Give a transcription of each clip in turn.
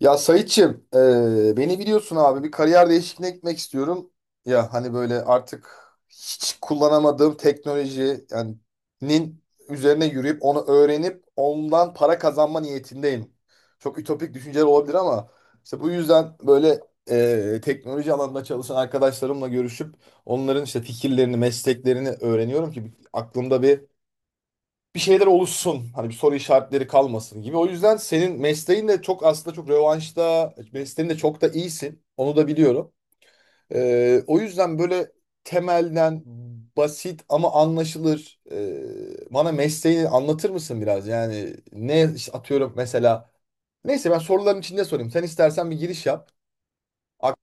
Ya Sayitçim, beni biliyorsun abi, bir kariyer değişikliğine gitmek istiyorum. Ya hani böyle artık hiç kullanamadığım teknoloji, yani nin üzerine yürüyüp onu öğrenip ondan para kazanma niyetindeyim. Çok ütopik düşünceler olabilir ama işte bu yüzden böyle teknoloji alanında çalışan arkadaşlarımla görüşüp onların işte fikirlerini, mesleklerini öğreniyorum ki aklımda bir şeyler oluşsun. Hani bir soru işaretleri kalmasın gibi. O yüzden senin mesleğin de çok, aslında çok revanşta, mesleğin de çok da iyisin. Onu da biliyorum. O yüzden böyle temelden basit ama anlaşılır. Bana mesleğini anlatır mısın biraz? Yani ne işte, atıyorum mesela. Neyse, ben soruların içinde sorayım. Sen istersen bir giriş yap. Ak-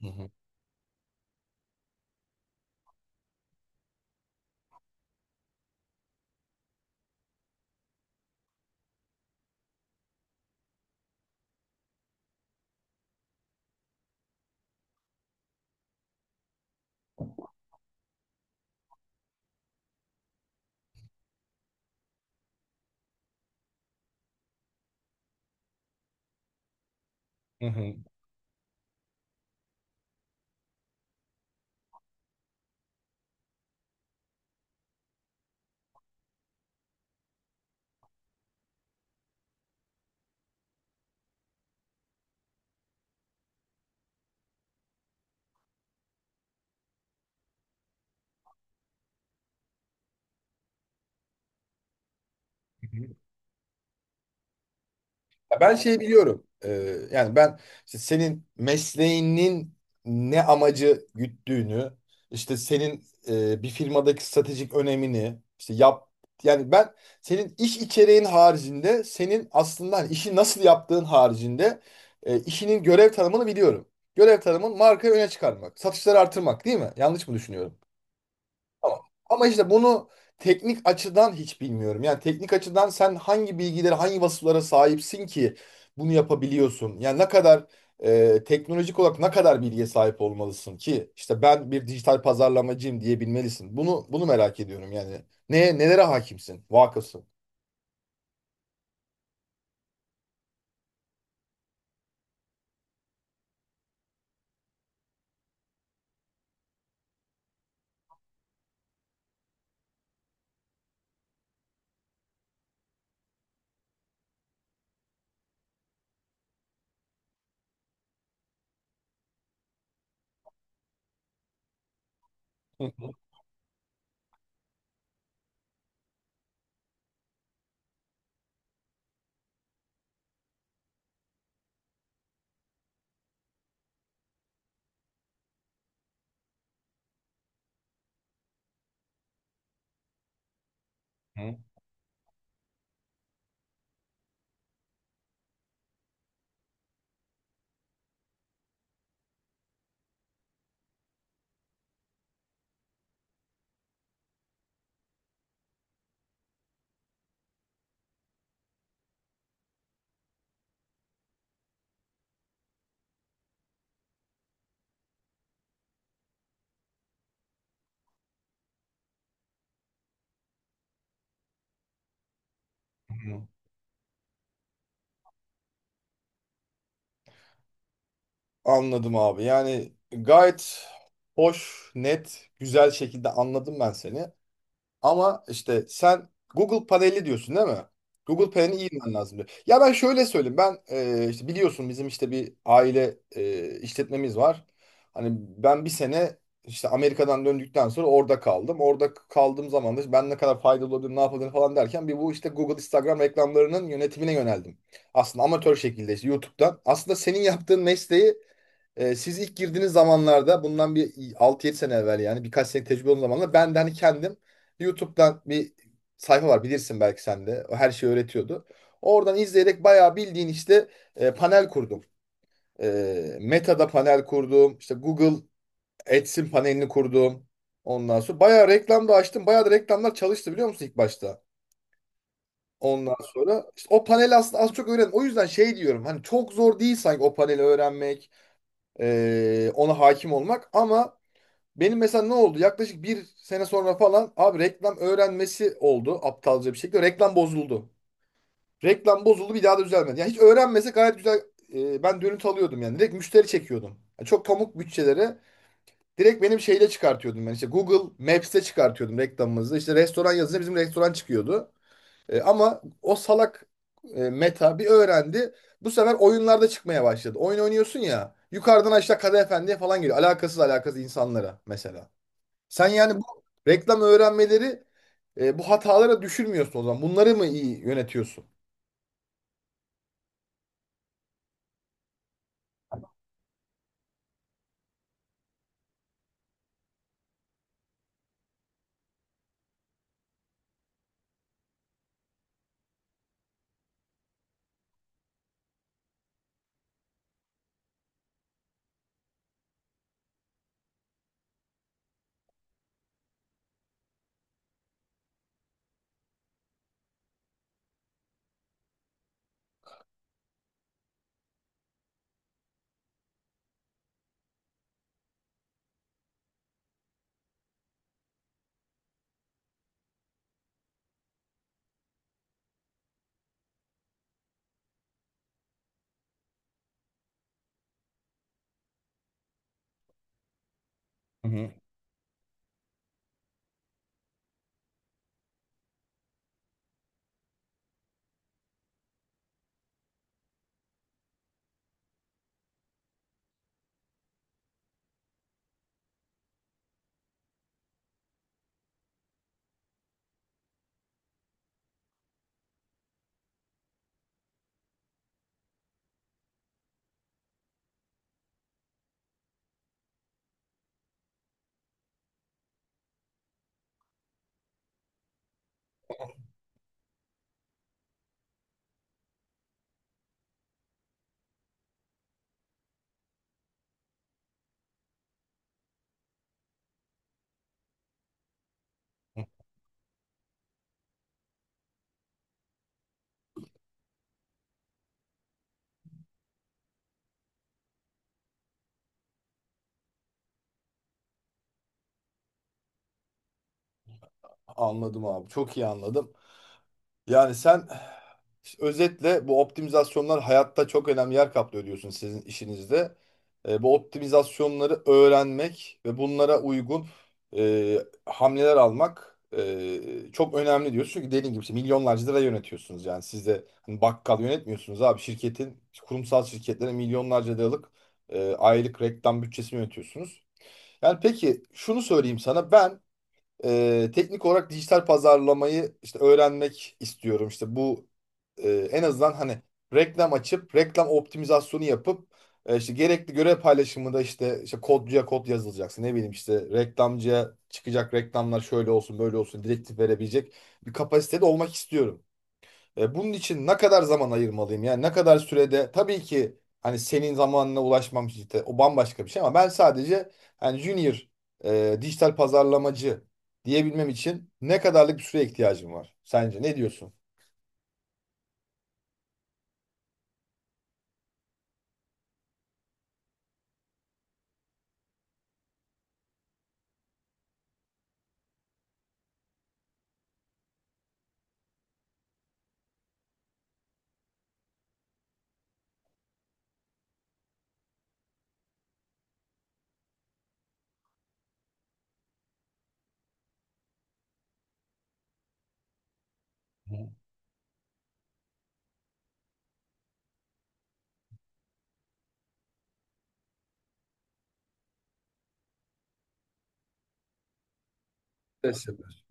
Hı hı. Hı hı. Ya ben şey biliyorum. Yani ben işte senin mesleğinin ne amacı güttüğünü, işte senin bir firmadaki stratejik önemini, işte yap, yani ben senin iş içeriğin haricinde, senin aslında hani işi nasıl yaptığın haricinde işinin görev tanımını biliyorum. Görev tanımın markayı öne çıkarmak, satışları artırmak, değil mi? Yanlış mı düşünüyorum? Tamam. Ama işte bunu teknik açıdan hiç bilmiyorum. Yani teknik açıdan sen hangi bilgilere, hangi vasıflara sahipsin ki bunu yapabiliyorsun? Yani ne kadar teknolojik olarak ne kadar bilgiye sahip olmalısın ki işte ben bir dijital pazarlamacıyım diyebilmelisin. Bunu merak ediyorum yani. Ne nelere hakimsin, vakıfsın? Hı hı. Hı hı. Anladım abi. Yani gayet hoş, net, güzel şekilde anladım ben seni. Ama işte sen Google paneli diyorsun, değil mi? Google panelini iyi bilmen lazım diyor. Ya ben şöyle söyleyeyim. Ben işte biliyorsun, bizim işte bir aile işletmemiz var. Hani ben bir sene işte Amerika'dan döndükten sonra orada kaldım. Orada kaldığım zaman da işte ben ne kadar faydalı olabilirim, ne yapabilirim falan derken bir, bu işte Google, Instagram reklamlarının yönetimine yöneldim. Aslında amatör şekilde işte YouTube'dan. Aslında senin yaptığın mesleği siz ilk girdiğiniz zamanlarda, bundan bir altı yedi sene evvel, yani birkaç sene tecrübe olan zamanlarda, ben de hani kendim YouTube'dan bir sayfa var, bilirsin belki sen de. O her şeyi öğretiyordu. Oradan izleyerek bayağı bildiğin işte panel kurdum. Meta'da panel kurdum. İşte Google Ads'in panelini kurdum. Ondan sonra bayağı reklam da açtım. Bayağı da reklamlar çalıştı, biliyor musun ilk başta? Ondan sonra işte o paneli aslında az çok öğrendim. O yüzden şey diyorum, hani çok zor değil sanki o paneli öğrenmek, ona hakim olmak, ama benim mesela ne oldu? Yaklaşık bir sene sonra falan abi, reklam öğrenmesi oldu aptalca bir şekilde. Reklam bozuldu. Reklam bozuldu, bir daha da düzelmedi. Yani hiç öğrenmese gayet güzel ben dönüt alıyordum yani. Direkt müşteri çekiyordum. Yani çok pamuk bütçelere direkt benim şeyle çıkartıyordum ben. İşte Google Maps'te çıkartıyordum reklamımızı. İşte restoran yazınca bizim restoran çıkıyordu. Ama o salak Meta bir öğrendi. Bu sefer oyunlarda çıkmaya başladı. Oyun oynuyorsun ya. Yukarıdan aşağı Kadı Efendi'ye falan geliyor. Alakasız alakasız insanlara mesela. Sen yani bu reklam öğrenmeleri, bu hatalara düşürmüyorsun o zaman. Bunları mı iyi yönetiyorsun? Hı hı. Anladım abi. Çok iyi anladım. Yani sen işte özetle bu optimizasyonlar hayatta çok önemli yer kaplıyor diyorsun sizin işinizde. Bu optimizasyonları öğrenmek ve bunlara uygun e, hamleler almak çok önemli diyorsun. Çünkü dediğin gibi işte milyonlarca lira yönetiyorsunuz. Yani siz de hani bakkal yönetmiyorsunuz abi. Şirketin, kurumsal şirketlere milyonlarca liralık aylık reklam bütçesini yönetiyorsunuz. Yani peki şunu söyleyeyim sana ben, teknik olarak dijital pazarlamayı işte öğrenmek istiyorum. İşte bu en azından hani reklam açıp reklam optimizasyonu yapıp işte gerekli görev paylaşımında işte işte kodcuya kod yazılacaksın. Ne bileyim, işte reklamcıya çıkacak reklamlar şöyle olsun, böyle olsun direktif verebilecek bir kapasitede olmak istiyorum. Bunun için ne kadar zaman ayırmalıyım? Yani ne kadar sürede? Tabii ki hani senin zamanına ulaşmam işte o bambaşka bir şey, ama ben sadece hani junior dijital pazarlamacı diyebilmem için ne kadarlık bir süreye ihtiyacım var? Sence ne diyorsun? Deseler.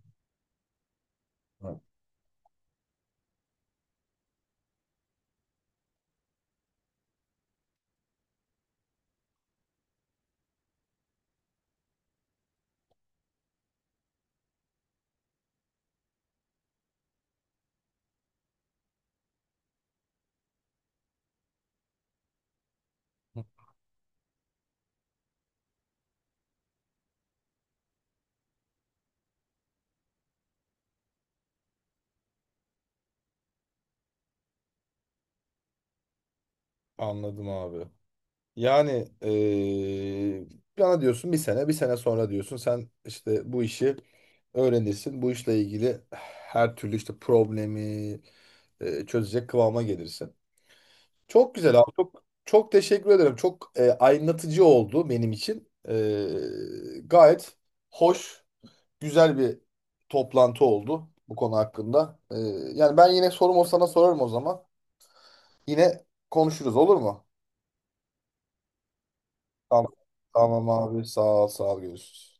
Anladım abi. Yani bana diyorsun bir sene, bir sene sonra diyorsun sen işte bu işi öğrenirsin. Bu işle ilgili her türlü işte problemi çözecek kıvama gelirsin. Çok güzel abi. Çok çok teşekkür ederim. Çok aydınlatıcı oldu benim için. Gayet hoş, güzel bir toplantı oldu bu konu hakkında. Yani ben yine sorum o, sana sorarım o zaman. Yine konuşuruz, olur mu? Tamam. Tamam abi. Sağ ol, sağ ol. Görüşürüz.